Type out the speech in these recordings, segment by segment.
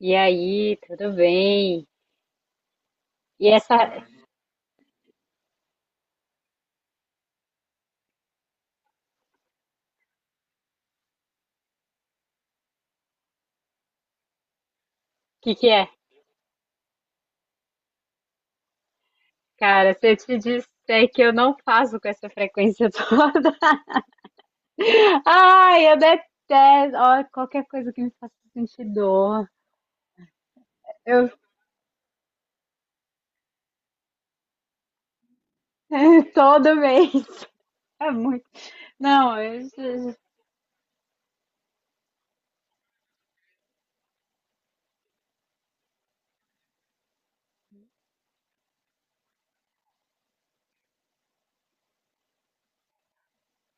E aí, tudo bem? E essa, o que é? Cara, se eu te disser que eu não faço com essa frequência toda. Ai, eu detesto. Ó, qualquer coisa que me faça sentir dor. Eu todo mês. É muito. Não, eu.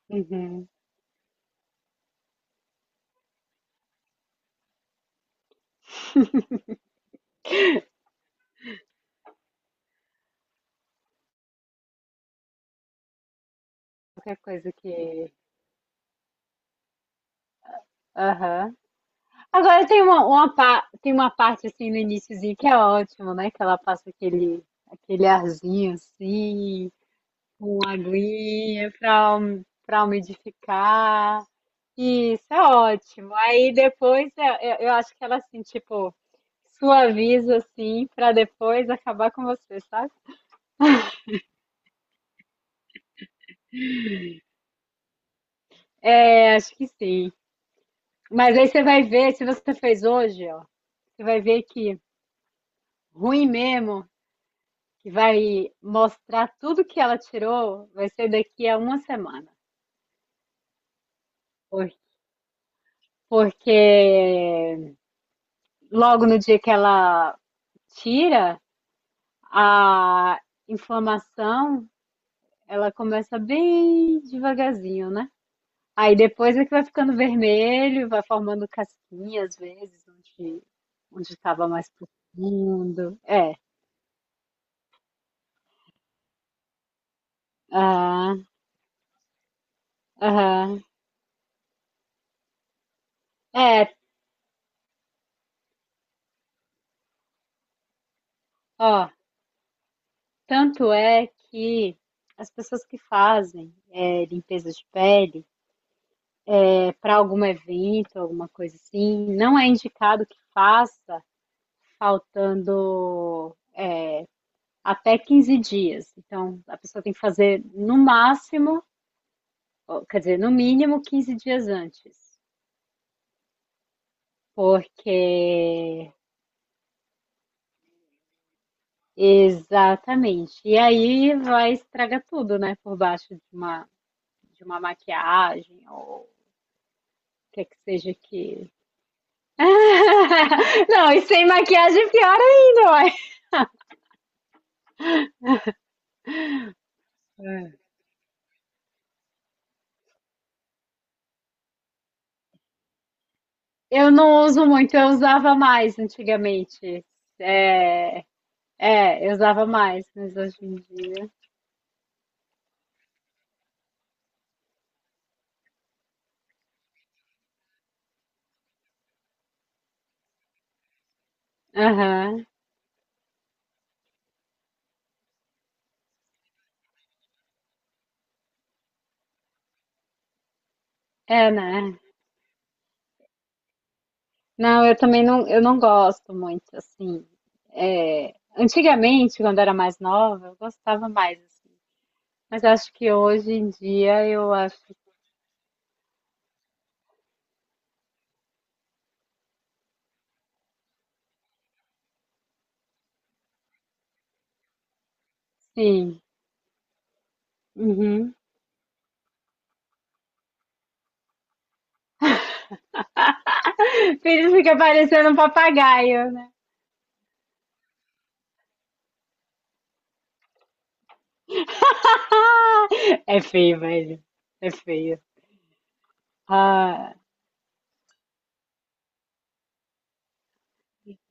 Uhum. Qualquer coisa que. Aham. Agora tem tem uma parte assim no iniciozinho que é ótimo, né? Que ela passa aquele arzinho assim. Uma aguinha para umidificar. Isso é ótimo. Aí depois eu acho que ela assim, tipo, suaviza assim para depois acabar com você, sabe? É, acho que sim. Mas aí você vai ver, se você fez hoje, ó, você vai ver que ruim mesmo, que vai mostrar tudo que ela tirou, vai ser daqui a uma semana. Por- Porque logo no dia que ela tira, a inflamação, ela começa bem devagarzinho, né? Aí depois é que vai ficando vermelho, vai formando casquinha às vezes, onde estava mais profundo. É, ah, aham. É, ó, tanto é que as pessoas que fazem limpeza de pele para algum evento, alguma coisa assim, não é indicado que faça faltando até 15 dias. Então, a pessoa tem que fazer no máximo, ou, quer dizer, no mínimo 15 dias antes. Porque. Exatamente. E aí vai estragar tudo, né? Por baixo de uma maquiagem ou o que seja que. Não, e sem maquiagem é pior ainda, ué. Eu não uso muito, eu usava mais antigamente. É, eu usava mais, mas hoje em dia. Aham. É, né? Não, eu também não, eu não gosto muito, assim. É, antigamente, quando era mais nova, eu gostava mais, assim. Mas acho que hoje em dia eu acho que sim. Uhum. Filho fica parecendo um papagaio, né? É feio, velho. É feio. Ah,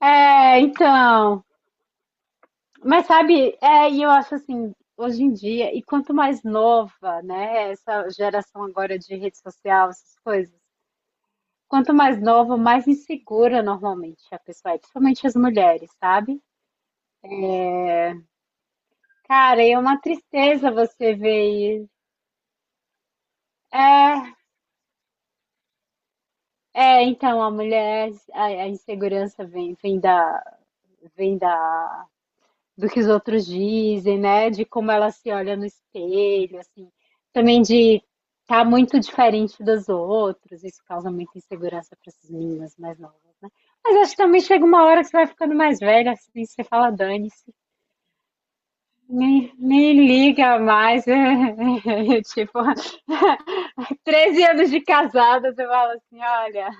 é, então. Mas sabe, e eu acho assim, hoje em dia, e quanto mais nova, né, essa geração agora de rede social, essas coisas. Quanto mais nova, mais insegura normalmente a pessoa é, principalmente as mulheres, sabe? Cara, e é uma tristeza você ver isso. É, então a mulher, a insegurança vem vem da, do que os outros dizem, né? De como ela se olha no espelho, assim. Também de estar tá muito diferente dos outros. Isso causa muita insegurança para essas meninas mais novas, né? Mas acho que também chega uma hora que você vai ficando mais velha, assim, você fala, dane-se. Nem liga mais. Tipo, 13 anos de casada, você fala assim, olha.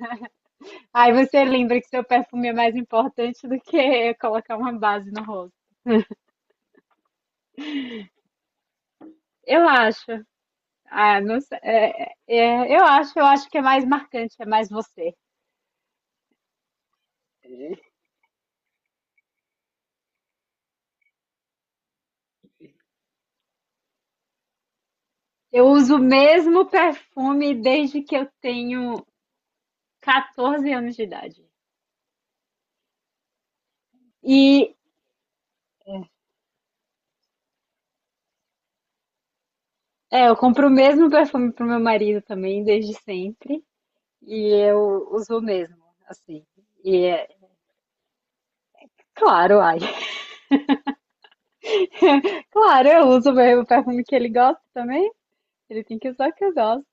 Aí você lembra que seu perfume é mais importante do que colocar uma base no rosto. Eu acho. Ah, não sei. Eu acho que é mais marcante, é mais você. Eu uso o mesmo perfume desde que eu tenho 14 anos de idade. E é, eu compro o mesmo perfume pro meu marido também, desde sempre. E eu uso mesmo, assim. E é claro, ai. Claro, eu uso mesmo o mesmo perfume que ele gosta também. Ele tem que usar o que eu gosto.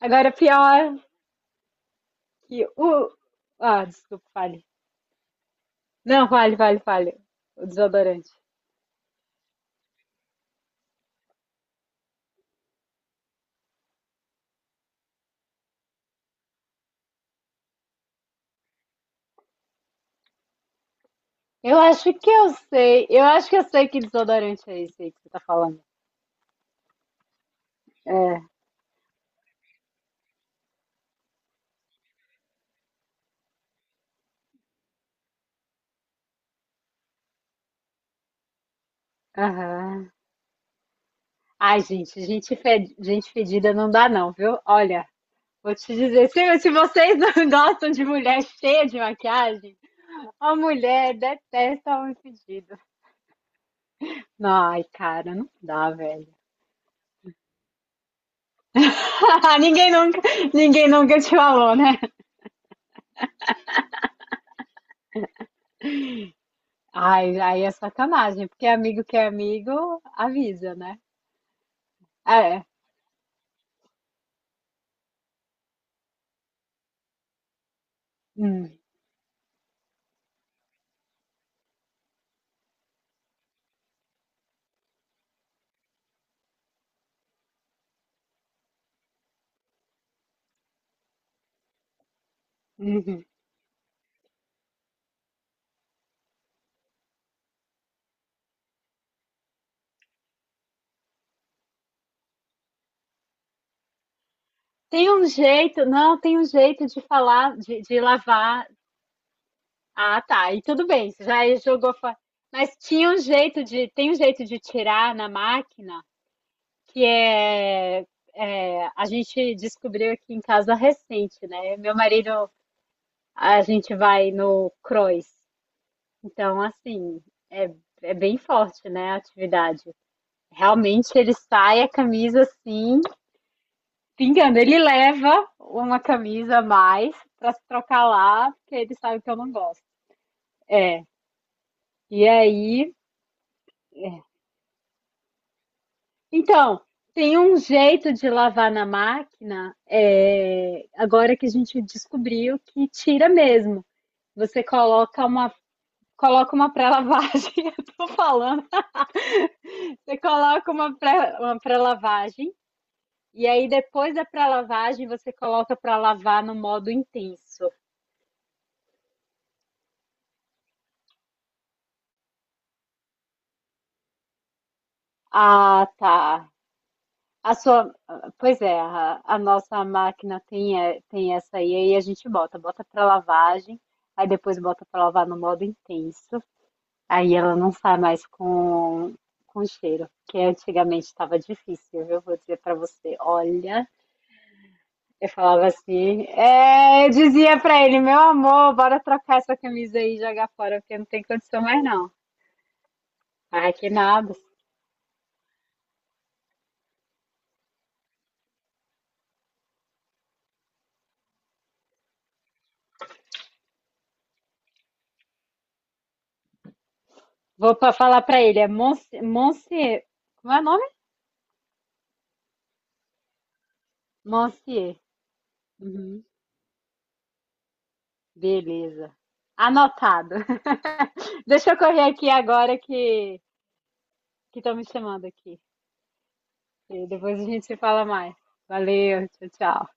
Agora, pior que o. Ah, desculpa, fale. Não, vale. O desodorante. Eu acho que eu sei. Eu acho que eu sei que desodorante é esse aí que você tá falando. Aham. Ai, gente fedida não dá, não, viu? Olha, vou te dizer, se vocês não gostam de mulher cheia de maquiagem, a mulher detesta homem fedido. Ai, cara, não dá, velho. Ninguém nunca, ninguém nunca te falou, né? Ai, aí é sacanagem, porque amigo que é amigo avisa, né? É. Hum, uhum. Tem um jeito, não, tem um jeito de falar, de lavar. Ah, tá. E tudo bem, você já jogou fora. Mas tinha um jeito de, tem um jeito de tirar na máquina? Que é, é, a gente descobriu aqui em casa recente, né? Meu marido, a gente vai no cross, então assim, é, é bem forte, né, a atividade. Realmente ele sai a camisa assim, pingando. Ele leva uma camisa a mais para se trocar lá, porque ele sabe que eu não gosto. É. E aí então, tem um jeito de lavar na máquina, eh, agora que a gente descobriu que tira mesmo. Você coloca uma, coloca uma pré-lavagem, eu tô falando, você coloca uma pré-lavagem, e aí depois da pré-lavagem você coloca para lavar no modo intenso. Ah, tá. A sua, pois é, a nossa máquina tem, é, tem essa aí, aí a gente bota para lavagem, aí depois bota para lavar no modo intenso. Aí ela não sai mais com cheiro, que antigamente estava difícil, viu? Vou dizer pra você, olha, eu falava assim, é, eu dizia pra ele, meu amor, bora trocar essa camisa aí e jogar fora, porque não tem condição mais não. Ah, que nada. Vou pra falar pra ele, é Monsieur, como é o nome? Monsieur. Uhum. Beleza. Anotado. Deixa eu correr aqui agora que estão me chamando aqui. E depois a gente se fala mais. Valeu, tchau, tchau.